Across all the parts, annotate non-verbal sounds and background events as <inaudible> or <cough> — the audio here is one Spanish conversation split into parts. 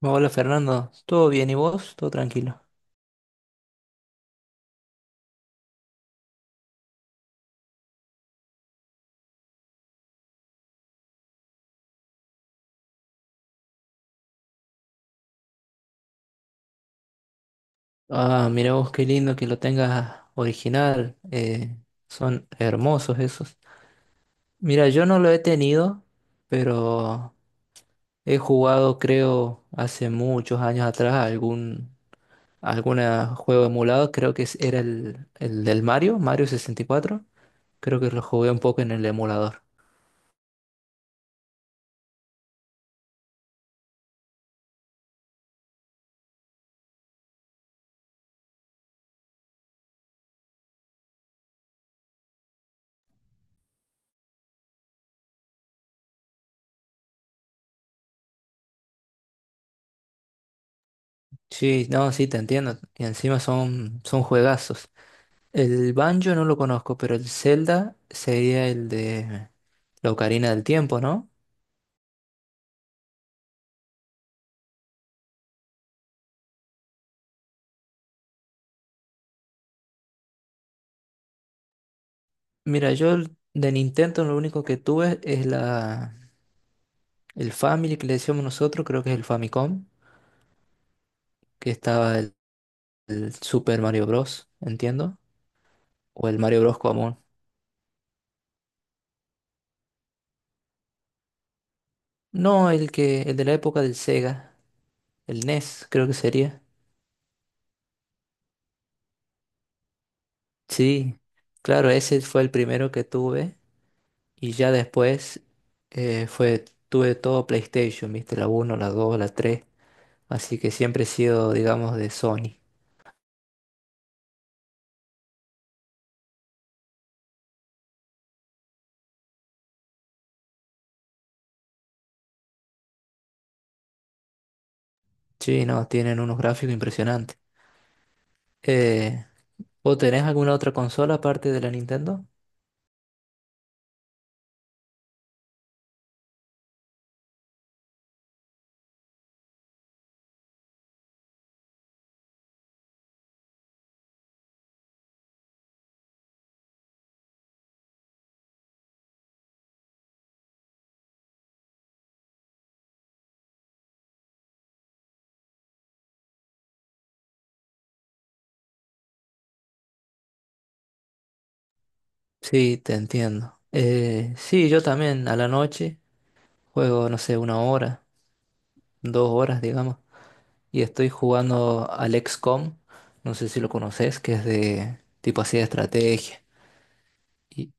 Hola Fernando, ¿todo bien y vos? ¿Todo tranquilo? Ah, mira vos qué lindo que lo tengas original, son hermosos esos. Mira, yo no lo he tenido, pero he jugado creo hace muchos años atrás algún alguna juego emulado, creo que era el del Mario, Mario 64, creo que lo jugué un poco en el emulador. Sí, no, sí, te entiendo, y encima son juegazos. El banjo no lo conozco, pero el Zelda sería el de la Ocarina del Tiempo, ¿no? Mira, yo de Nintendo lo único que tuve es el Family que le decíamos nosotros, creo que es el Famicom, que estaba el Super Mario Bros., entiendo, o el Mario Bros. Común. No, el de la época del Sega, el NES, creo que sería. Sí, claro, ese fue el primero que tuve y ya después tuve todo PlayStation, ¿viste? La uno, la 2, la 3. Así que siempre he sido, digamos, de Sony. Sí, no, tienen unos gráficos impresionantes. Eh, ¿Vos tenés alguna otra consola aparte de la Nintendo? Sí, te entiendo. Sí, yo también a la noche juego, no sé, una hora, 2 horas, digamos. Y estoy jugando al XCOM, no sé si lo conoces, que es de tipo así de estrategia. Y,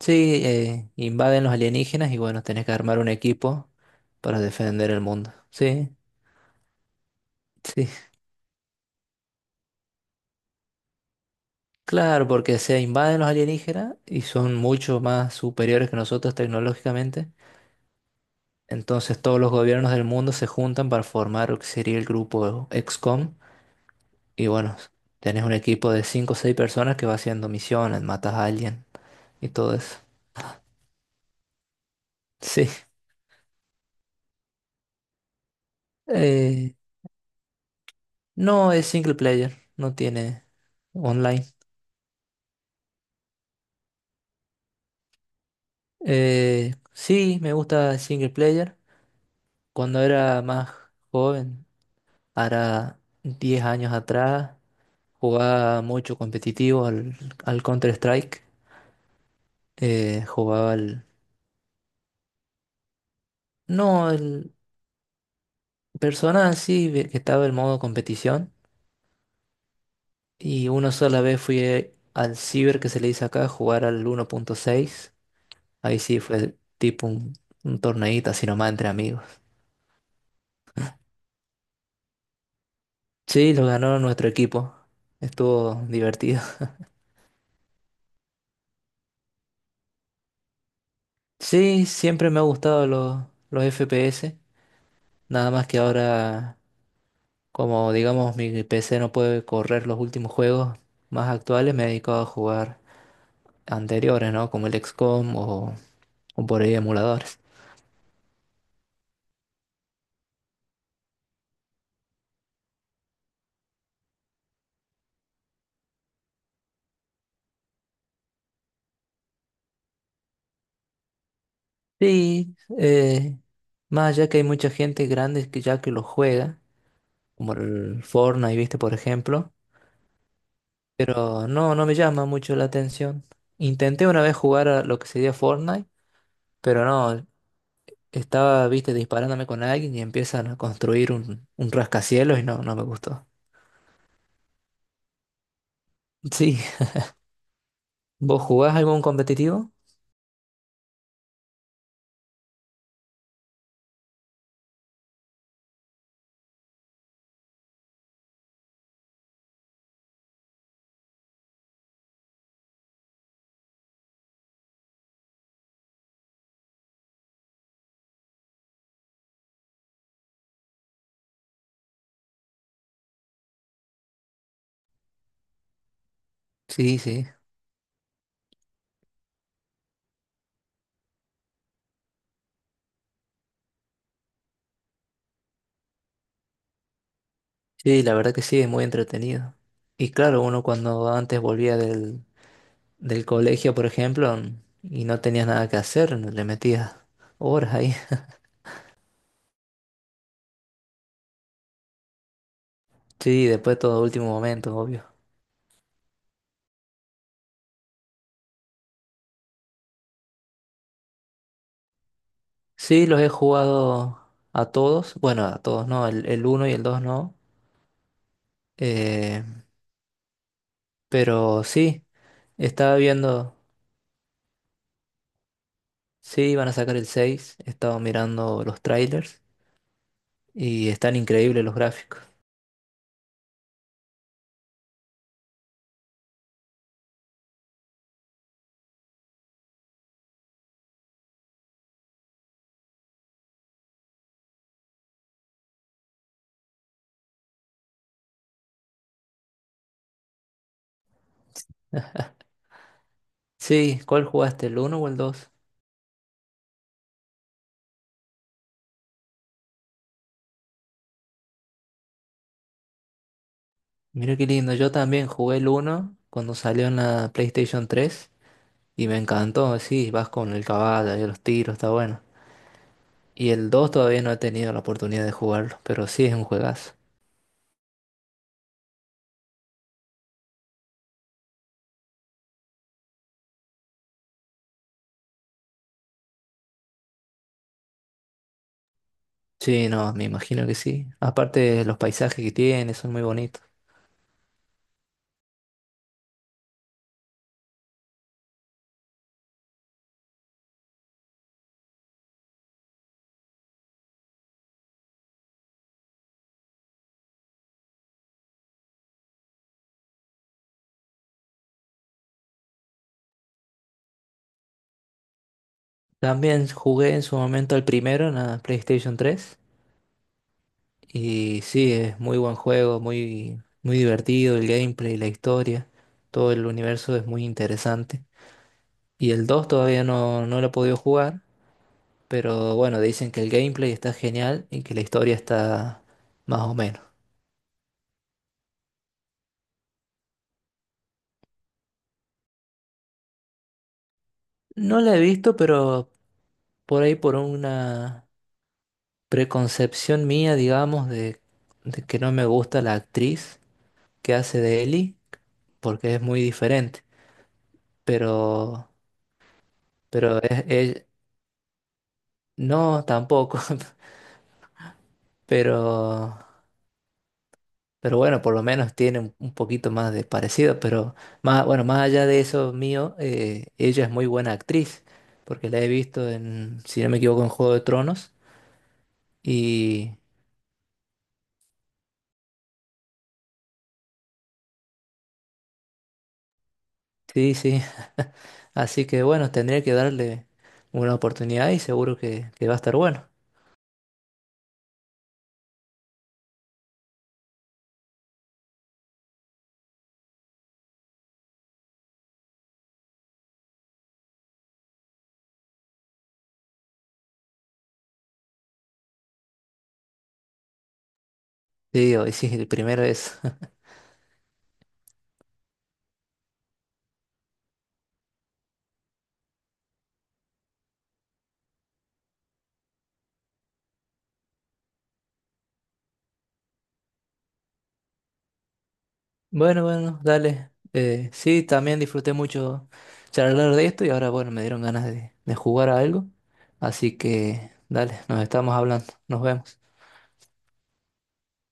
sí, invaden los alienígenas y bueno, tenés que armar un equipo para defender el mundo. Sí, sí, claro, porque se invaden los alienígenas y son mucho más superiores que nosotros tecnológicamente. Entonces todos los gobiernos del mundo se juntan para formar lo que sería el grupo XCOM. Y bueno, tenés un equipo de 5 o 6 personas que va haciendo misiones, matas a alguien y todo eso. Sí. Eh, no es single player, no tiene online. Sí, me gusta el single player. Cuando era más joven, ahora 10 años atrás. Jugaba mucho competitivo al Counter-Strike. eh, jugaba al... No, el Persona sí, que estaba el modo competición. Y una sola vez fui al Ciber que se le dice acá, a jugar al 1.6. Ahí sí fue tipo un torneíto así nomás entre amigos. Sí, lo ganó nuestro equipo. Estuvo divertido. <laughs> Sí, siempre me ha gustado los FPS. Nada más que ahora... Como digamos mi PC no puede correr los últimos juegos más actuales, me he dedicado a jugar anteriores, ¿no? Como el XCOM o por ahí emuladores. Sí, más allá que hay mucha gente grande que ya que lo juega, como el Fortnite, ¿viste? Por ejemplo, pero no, no me llama mucho la atención. Intenté una vez jugar a lo que sería Fortnite, pero no, estaba, ¿viste? Disparándome con alguien y empiezan a construir un rascacielos y no, no me gustó. Sí. ¿Vos jugás algún competitivo? Sí, sí. Sí, la verdad que sí, es muy entretenido. Y claro, uno cuando antes volvía del colegio, por ejemplo, y no tenías nada que hacer, le metías horas ahí. <laughs> Sí, después todo último momento, obvio. Sí, los he jugado a todos. Bueno, a todos no, el uno y el 2, no. Eh, pero sí, estaba viendo, sí, iban a sacar el 6, estaba mirando los trailers y están increíbles los gráficos. Sí, ¿cuál jugaste? ¿El uno o el dos? Mira qué lindo, yo también jugué el uno cuando salió en la PlayStation 3 y me encantó, sí, vas con el caballo y los tiros, está bueno. Y el 2 todavía no he tenido la oportunidad de jugarlo, pero sí es un juegazo. Sí, no, me imagino que sí. Aparte los paisajes que tiene son muy bonitos. También jugué en su momento el primero en la PlayStation 3 y sí, es muy buen juego, muy, muy divertido el gameplay, la historia, todo el universo es muy interesante. Y el 2 todavía no, no lo he podido jugar, pero bueno, dicen que el gameplay está genial y que la historia está más o menos. No la he visto, pero por ahí por una preconcepción mía, digamos, de que no me gusta la actriz que hace de Ellie, porque es muy diferente. Pero, pero no tampoco, <laughs> pero Pero bueno, por lo menos tiene un poquito más de parecido, pero más, bueno, más allá de eso mío, ella es muy buena actriz, porque la he visto en, si no me equivoco, en Juego de Tronos. Y sí, sí. <laughs> Así que bueno, tendría que darle una oportunidad y seguro que va a estar bueno. Sí, hoy sí, el primero es. <laughs> Bueno, bueno, dale. Sí, también disfruté mucho charlar de esto y ahora, bueno, me dieron ganas de jugar a algo. Así que, dale, nos estamos hablando. Nos vemos.